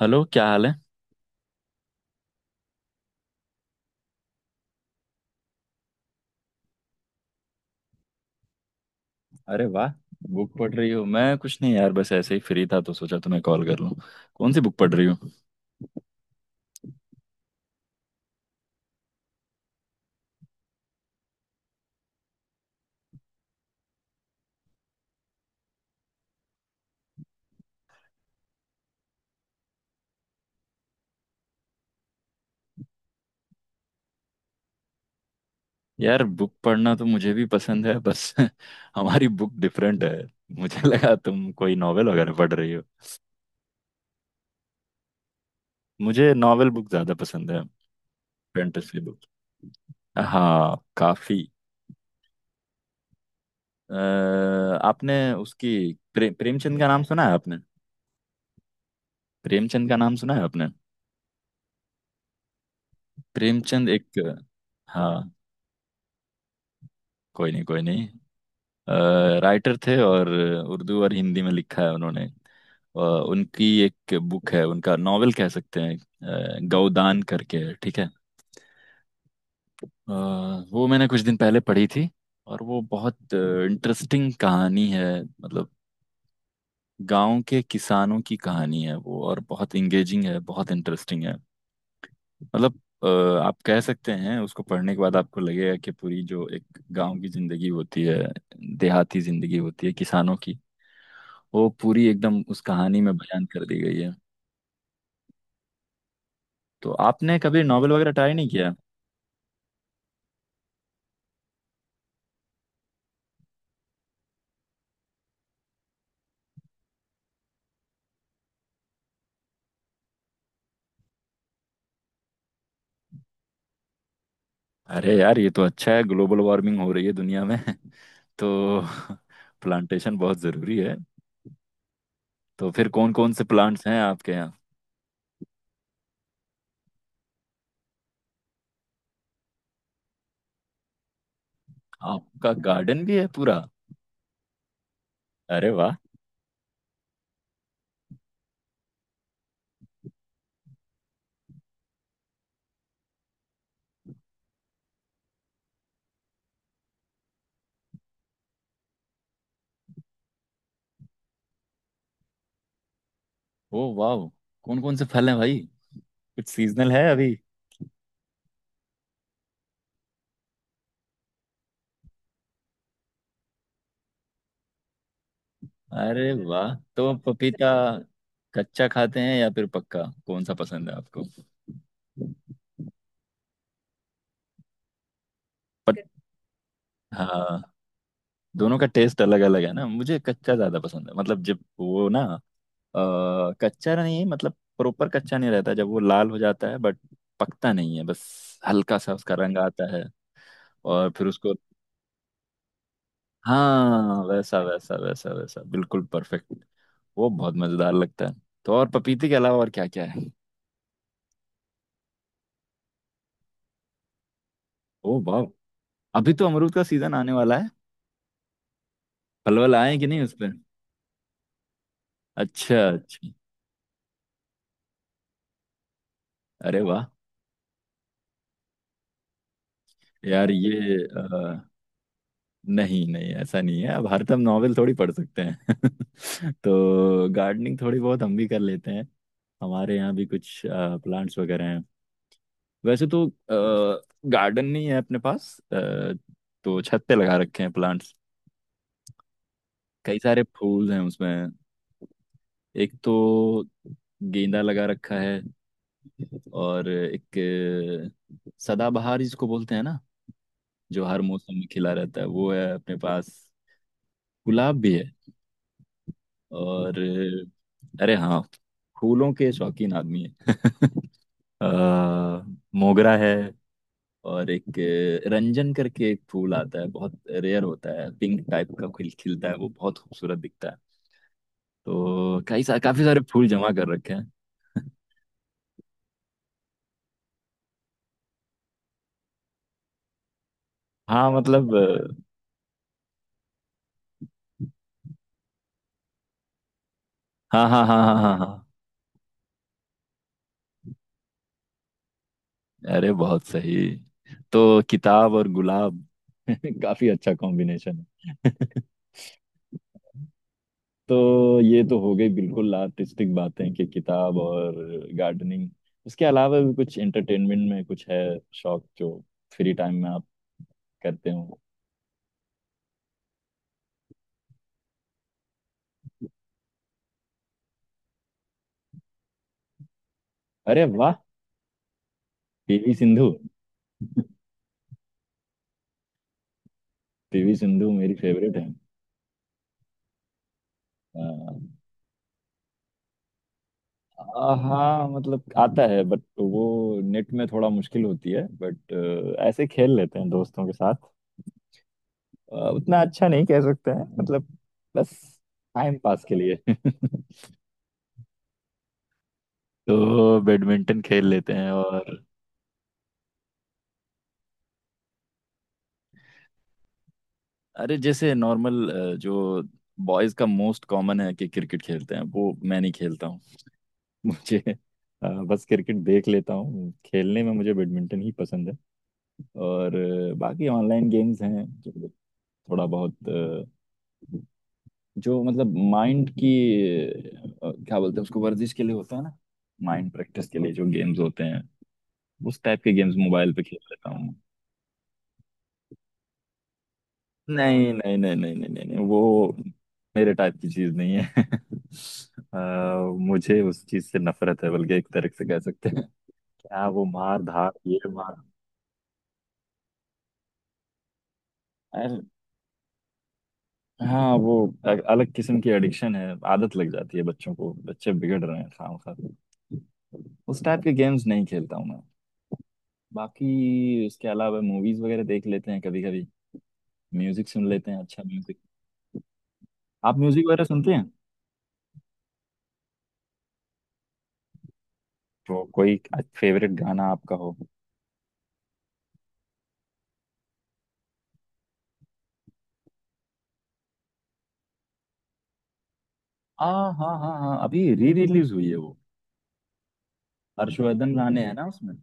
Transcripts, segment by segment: Hello, क्या हाल है। अरे वाह, बुक पढ़ रही हो। मैं कुछ नहीं यार, बस ऐसे ही फ्री था तो सोचा तुम्हें कॉल कर लूं। कौन सी बुक पढ़ रही हो। यार, बुक पढ़ना तो मुझे भी पसंद है बस हमारी बुक डिफरेंट है। मुझे लगा तुम कोई नॉवेल वगैरह पढ़ रही हो। मुझे नॉवेल बुक ज्यादा पसंद है। Fantasy book. हाँ काफी। अ, आपने उसकी प्रेमचंद का नाम सुना है आपने। प्रेमचंद का नाम सुना है आपने। प्रेमचंद एक। हाँ। कोई नहीं। राइटर थे और उर्दू और हिंदी में लिखा है उन्होंने। उनकी एक बुक है, उनका नॉवेल कह सकते हैं, गौदान करके है, ठीक है। अ, वो मैंने कुछ दिन पहले पढ़ी थी। और वो बहुत इंटरेस्टिंग कहानी है। मतलब गांव के किसानों की कहानी है वो, और बहुत इंगेजिंग है, बहुत इंटरेस्टिंग है। मतलब अ, आप कह सकते हैं उसको पढ़ने के बाद आपको लगेगा कि पूरी जो एक गांव की जिंदगी होती है, देहाती जिंदगी होती है किसानों की, वो पूरी एकदम उस कहानी में बयान कर दी गई है। तो आपने कभी नॉवेल वगैरह ट्राई नहीं किया। अरे यार, ये तो अच्छा है, ग्लोबल वार्मिंग हो रही है दुनिया में तो प्लांटेशन बहुत जरूरी है। तो फिर कौन कौन से प्लांट्स हैं आपके यहाँ। आपका गार्डन भी है पूरा। अरे वाह। ओ वाह, कौन कौन से फल हैं भाई। कुछ सीजनल है अभी। अरे वाह, तो पपीता कच्चा खाते हैं या फिर पक्का, कौन सा पसंद है आपको। पट। हाँ, दोनों का टेस्ट अलग अलग है ना। मुझे कच्चा ज्यादा पसंद है। मतलब जब वो ना कच्चा नहीं, मतलब प्रॉपर कच्चा नहीं रहता, जब वो लाल हो जाता है बट पकता नहीं है, बस हल्का सा उसका रंग आता है, और फिर उसको। हाँ, वैसा वैसा वैसा वैसा बिल्कुल परफेक्ट, वो बहुत मजेदार लगता है। तो और पपीते के अलावा और क्या क्या है। ओ वाह, अभी तो अमरूद का सीजन आने वाला है। पलवल आए कि नहीं उस पर। अच्छा अच्छा। अरे वाह। यार ये अ, नहीं नहीं, ऐसा नहीं है, अब हर तुम नॉवेल थोड़ी पढ़ सकते हैं तो गार्डनिंग थोड़ी बहुत हम भी कर लेते हैं। हमारे यहाँ भी कुछ प्लांट्स वगैरह हैं। वैसे तो गार्डन नहीं है अपने पास, तो छत पे लगा रखे हैं प्लांट्स। कई सारे फूल हैं उसमें। एक तो गेंदा लगा रखा है, और एक सदाबहार जिसको बोलते हैं ना, जो हर मौसम में खिला रहता है, वो है अपने पास। गुलाब भी है, और अरे हाँ, फूलों के शौकीन आदमी है अ, मोगरा है, और एक रंजन करके एक फूल आता है, बहुत रेयर होता है, पिंक टाइप का खिल खिलता है, वो बहुत खूबसूरत दिखता है। तो काफी सारे फूल जमा कर रखे हैं हाँ मतलब अ, हाँ हाँ हाँ, हाँ हाँ हाँ। अरे बहुत सही, तो किताब और गुलाब काफी अच्छा कॉम्बिनेशन है तो ये तो हो गई बिल्कुल आर्टिस्टिक बातें, कि किताब और गार्डनिंग। उसके अलावा भी कुछ एंटरटेनमेंट में कुछ है, शौक जो फ्री टाइम में आप करते हो। अरे वाह, पीवी सिंधु पीवी सिंधु मेरी फेवरेट है। आ, हाँ मतलब आता है, बट वो नेट में थोड़ा मुश्किल होती है, बट ऐसे खेल लेते हैं दोस्तों के साथ। उतना अच्छा नहीं कह सकते हैं, मतलब बस टाइम पास के लिए तो बैडमिंटन खेल लेते हैं, और अरे जैसे नॉर्मल जो बॉयज का मोस्ट कॉमन है कि क्रिकेट खेलते हैं, वो मैं नहीं खेलता हूँ मुझे बस क्रिकेट देख लेता हूँ, खेलने में मुझे बैडमिंटन ही पसंद है। और बाकी ऑनलाइन गेम्स हैं जो थोड़ा बहुत, जो मतलब माइंड की, क्या बोलते हैं उसको, वर्जिश के लिए होता है ना, माइंड प्रैक्टिस के लिए जो गेम्स होते हैं, उस टाइप के गेम्स मोबाइल पे खेल लेता हूँ। नहीं नहीं, वो मेरे टाइप की चीज नहीं है आ, मुझे उस चीज से नफरत है, बल्कि एक तरह से कह सकते हैं, क्या वो मार धाड़ ये मार। अरे, हाँ वो अलग किस्म की एडिक्शन है, आदत लग जाती है बच्चों को, बच्चे बिगड़ रहे हैं खाम खा। उस टाइप के गेम्स नहीं खेलता हूँ मैं। बाकी उसके अलावा मूवीज वगैरह देख लेते हैं कभी कभी, म्यूजिक सुन लेते हैं, अच्छा म्यूजिक। आप म्यूजिक वगैरह सुनते हैं। तो कोई फेवरेट गाना आपका हो। आ, हाँ हाँ हाँ, अभी री रिलीज हुई है वो। हर्षवर्धन गाने हैं ना उसमें।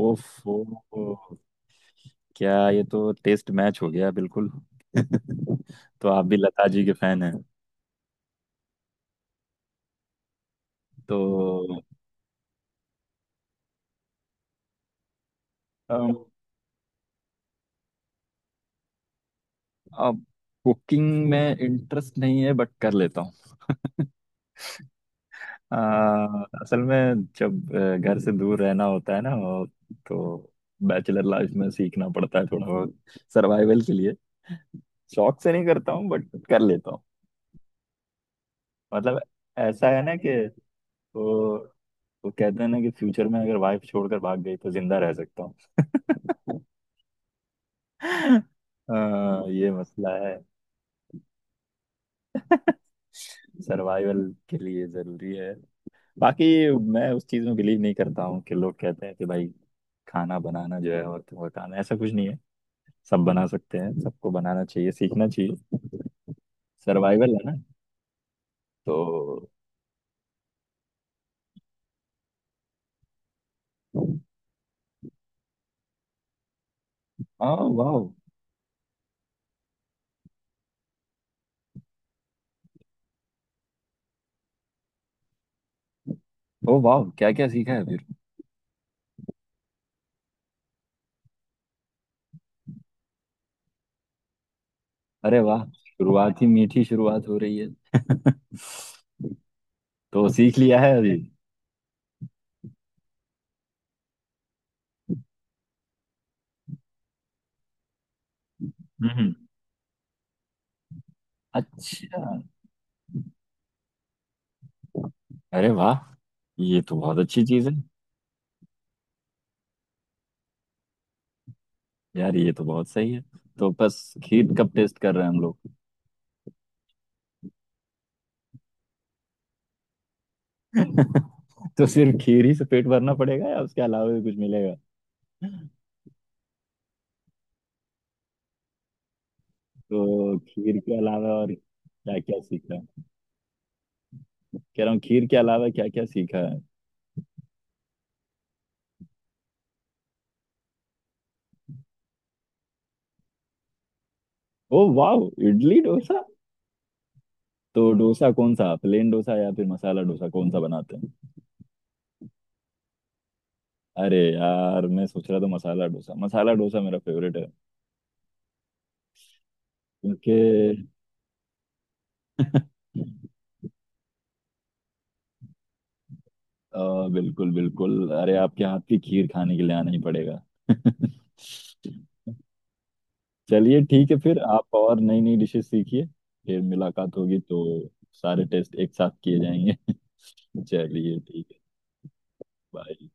ओफो, क्या ये तो टेस्ट मैच हो गया बिल्कुल तो आप भी लता जी के फैन हैं। तो अम, अब कुकिंग में इंटरेस्ट नहीं है, बट कर लेता हूँ आ, असल में जब घर से दूर रहना होता है ना, और तो बैचलर लाइफ में सीखना पड़ता है थोड़ा बहुत, सर्वाइवल के लिए। शौक से नहीं करता हूँ, बट कर लेता हूँ। मतलब ऐसा है ना कि वो वो कहते हैं ना कि फ्यूचर में अगर वाइफ छोड़कर भाग गई तो जिंदा रह सकता हूँ अ, ये मसला है सर्वाइवल के लिए जरूरी है। बाकी मैं उस चीज में बिलीव नहीं करता हूँ कि लोग कहते हैं कि भाई खाना बनाना जो है औरतों का काम है, ऐसा कुछ नहीं है। सब बना सकते हैं, सबको बनाना चाहिए, सीखना चाहिए। सर्वाइवल है ना। तो हाँ वाह। ओ वाह, क्या क्या सीखा है फिर। अरे वाह, शुरुआत ही मीठी शुरुआत हो रही है। तो सीख लिया है अभी। हम्म। अच्छा। अरे वाह, ये तो बहुत अच्छी चीज है। यार ये तो बहुत सही है, तो बस खीर कब टेस्ट कर रहे हैं हम लोग तो सिर्फ खीर ही से पेट भरना पड़ेगा या उसके अलावा भी कुछ मिलेगा। तो खीर के अलावा और क्या क्या सीखा। कह रहा हूँ खीर के अलावा क्या क्या सीखा है। ओ वाह, इडली डोसा। तो डोसा कौन सा, प्लेन डोसा या फिर मसाला डोसा, कौन सा बनाते हैं। अरे यार, मैं सोच रहा था मसाला डोसा, मसाला डोसा मेरा फेवरेट है क्योंकि बिल्कुल बिल्कुल, अरे आपके हाथ की खीर खाने के लिए आना ही पड़ेगा चलिए ठीक है, फिर आप और नई नई डिशेस सीखिए। फिर मुलाकात होगी तो सारे टेस्ट एक साथ किए जाएंगे चलिए ठीक है। बाय।